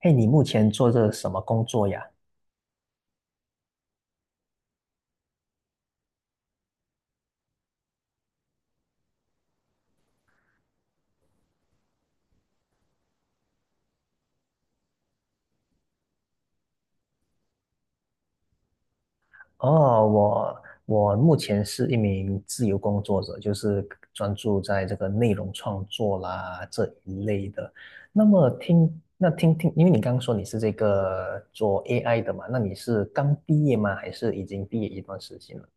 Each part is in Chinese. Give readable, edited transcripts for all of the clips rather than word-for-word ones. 嘿，你目前做这什么工作呀？哦，我目前是一名自由工作者，就是专注在这个内容创作啦这一类的。那么听，那听听，因为你刚刚说你是这个做 AI 的嘛，那你是刚毕业吗？还是已经毕业一段时间了？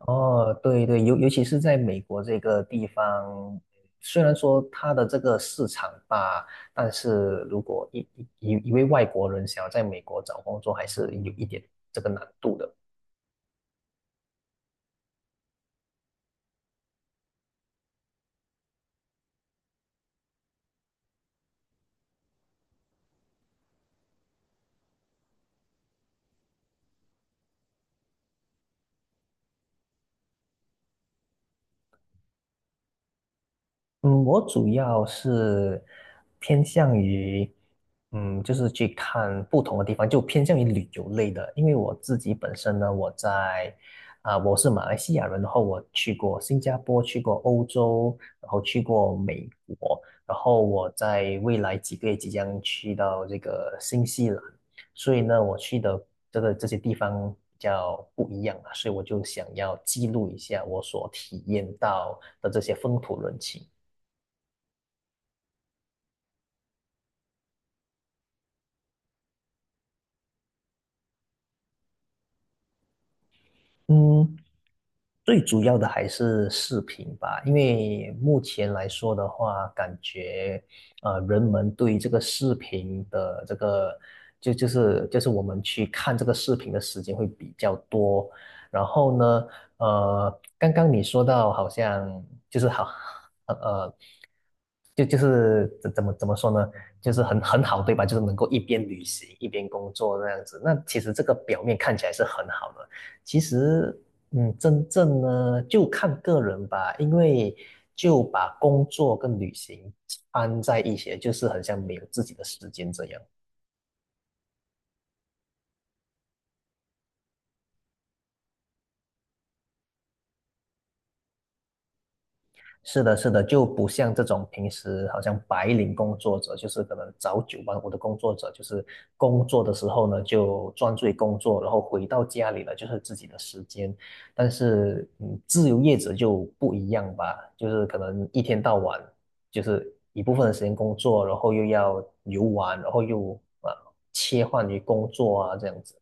哦，对对，尤其是在美国这个地方，虽然说它的这个市场吧，但是如果一位外国人想要在美国找工作，还是有一点这个难度的。嗯，我主要是偏向于，嗯，就是去看不同的地方，就偏向于旅游类的。因为我自己本身呢，我在啊、我是马来西亚人，然后我去过新加坡，去过欧洲，然后去过美国，然后我在未来几个月即将去到这个新西兰，所以呢，我去的这些地方比较不一样啊，所以我就想要记录一下我所体验到的这些风土人情。嗯，最主要的还是视频吧，因为目前来说的话，感觉人们对这个视频的这个，我们去看这个视频的时间会比较多。然后呢，刚刚你说到好像就是好，呃，呃怎么说呢？就是很好，对吧？就是能够一边旅行一边工作那样子。那其实这个表面看起来是很好的。其实嗯，真正呢就看个人吧，因为就把工作跟旅行掺在一起，就是很像没有自己的时间这样。是的，是的，就不像这种平时好像白领工作者，就是可能早九晚五的工作者，就是工作的时候呢就专注于工作，然后回到家里呢就是自己的时间。但是，嗯，自由业者就不一样吧，就是可能一天到晚就是一部分的时间工作，然后又要游玩，然后又啊切换于工作啊这样子。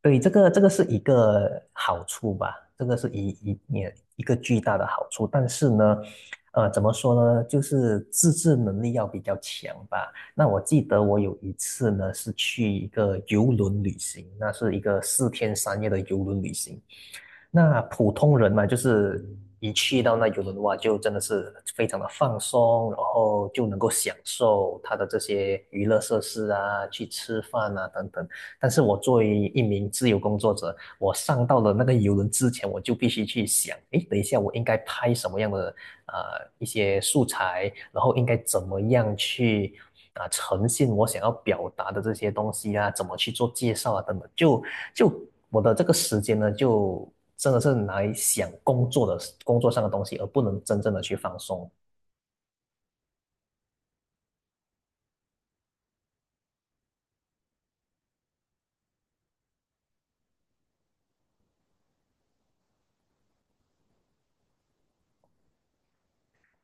对，这个是一个好处吧，这个是一个巨大的好处。但是呢，呃，怎么说呢，就是自制能力要比较强吧。那我记得我有一次呢，是去一个游轮旅行，那是一个四天三夜的游轮旅行。那普通人嘛，就是一去到那游轮的话，就真的是非常的放松，然后就能够享受它的这些娱乐设施啊，去吃饭啊等等。但是我作为一名自由工作者，我上到了那个游轮之前，我就必须去想，诶，等一下我应该拍什么样的呃一些素材，然后应该怎么样去呈现我想要表达的这些东西啊，怎么去做介绍啊等等，就我的这个时间呢，就真的是来想工作的工作上的东西，而不能真正的去放松。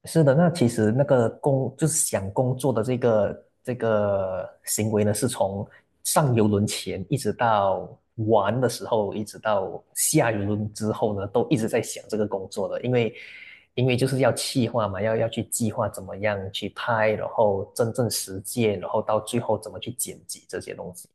是的，那其实那个工就是想工作的这个行为呢，是从上游轮前一直到玩的时候，一直到下游轮之后呢，都一直在想这个工作的，因为就是要企划嘛，要去计划怎么样去拍，然后真正实践，然后到最后怎么去剪辑这些东西。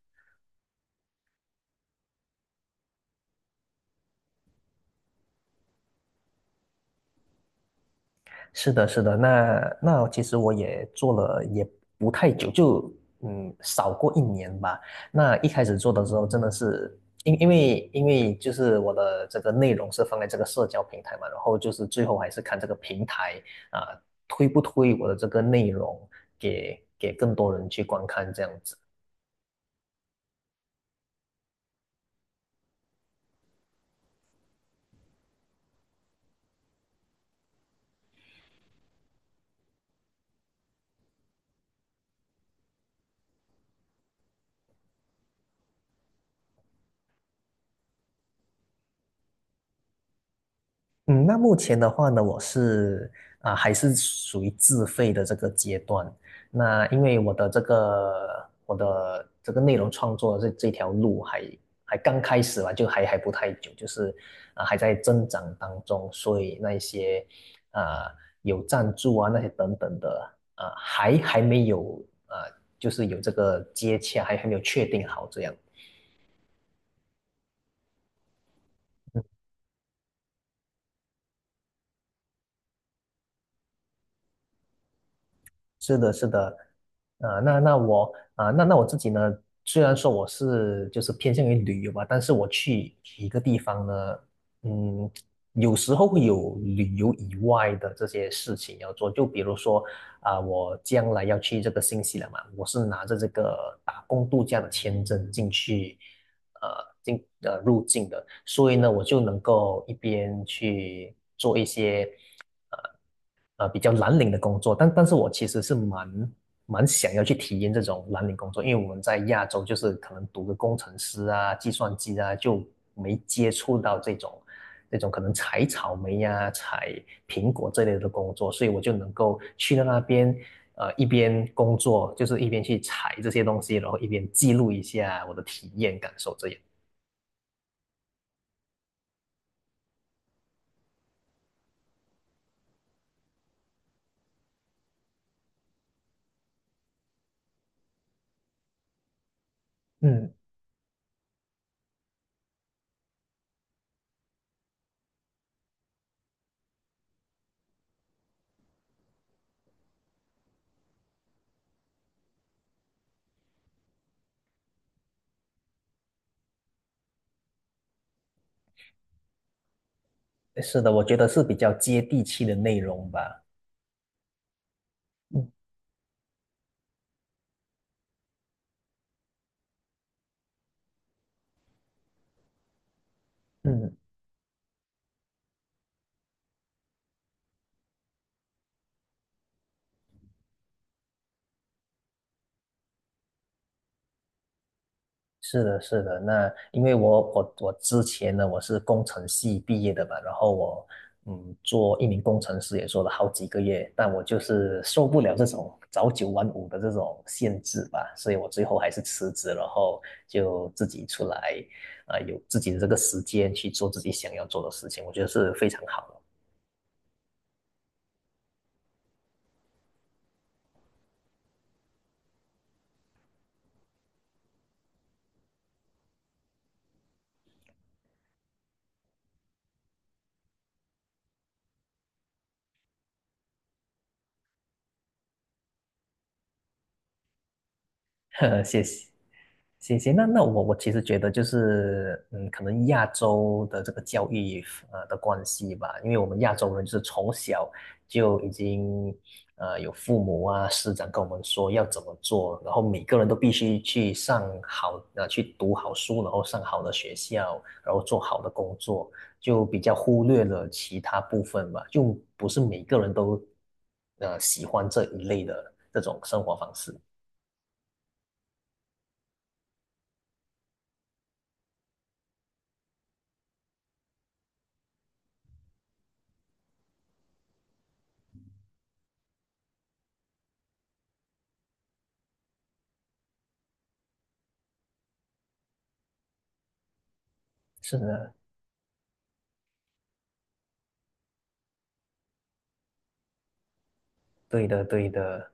是的，是的，那其实我也做了也不太久，就嗯少过一年吧。那一开始做的时候，真的是因为就是我的这个内容是放在这个社交平台嘛，然后就是最后还是看这个平台啊，推不推我的这个内容给更多人去观看这样子。嗯，那目前的话呢，我还是属于自费的这个阶段。那因为我的这个内容创作的这条路还刚开始吧，就还不太久，还在增长当中，所以那一些啊、有赞助啊那些等等的还没有啊、就是有这个接洽，还没有确定好这样。是的，是的，啊、那那我啊、那那我自己呢，虽然说我是就是偏向于旅游吧，但是我去一个地方呢，嗯，有时候会有旅游以外的这些事情要做，就比如说我将来要去这个新西兰嘛，我是拿着这个打工度假的签证进去，呃，入境的，所以呢，我就能够一边去做一些比较蓝领的工作，但是我其实是蛮想要去体验这种蓝领工作，因为我们在亚洲就是可能读个工程师啊、计算机啊，就没接触到这种可能采草莓呀、采苹果这类的工作，所以我就能够去到那边。呃，一边工作就是一边去采这些东西，然后一边记录一下我的体验感受，这样。嗯，是的，我觉得是比较接地气的内容吧。嗯嗯。是的，是的。那因为我我之前呢，我是工程系毕业的嘛，然后我嗯做一名工程师也做了好几个月，但我就是受不了这种早九晚五的这种限制吧，所以我最后还是辞职，然后就自己出来有自己的这个时间去做自己想要做的事情，我觉得是非常好的。谢谢。行行，那我其实觉得就是，嗯，可能亚洲的这个教育的关系吧，因为我们亚洲人就是从小就已经有父母啊师长跟我们说要怎么做，然后每个人都必须去读好书，然后上好的学校，然后做好的工作，就比较忽略了其他部分吧，就不是每个人都喜欢这一类的这种生活方式。是的，对的，对的。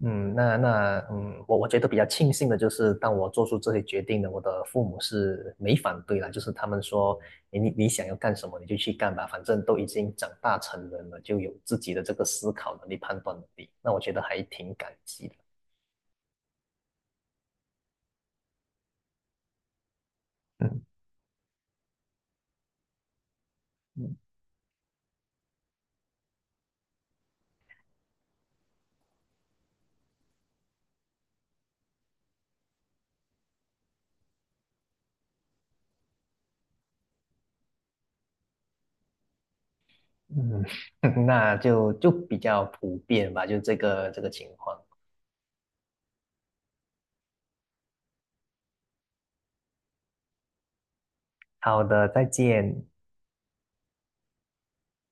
嗯，那那嗯，我我觉得比较庆幸的就是，当我做出这些决定呢，我的父母是没反对啦，就是他们说，诶你想要干什么你就去干吧，反正都已经长大成人了，就有自己的这个思考能力、判断能力，那我觉得还挺感激的。嗯嗯嗯，那就就比较普遍吧，就这个这个情况。好的，再见。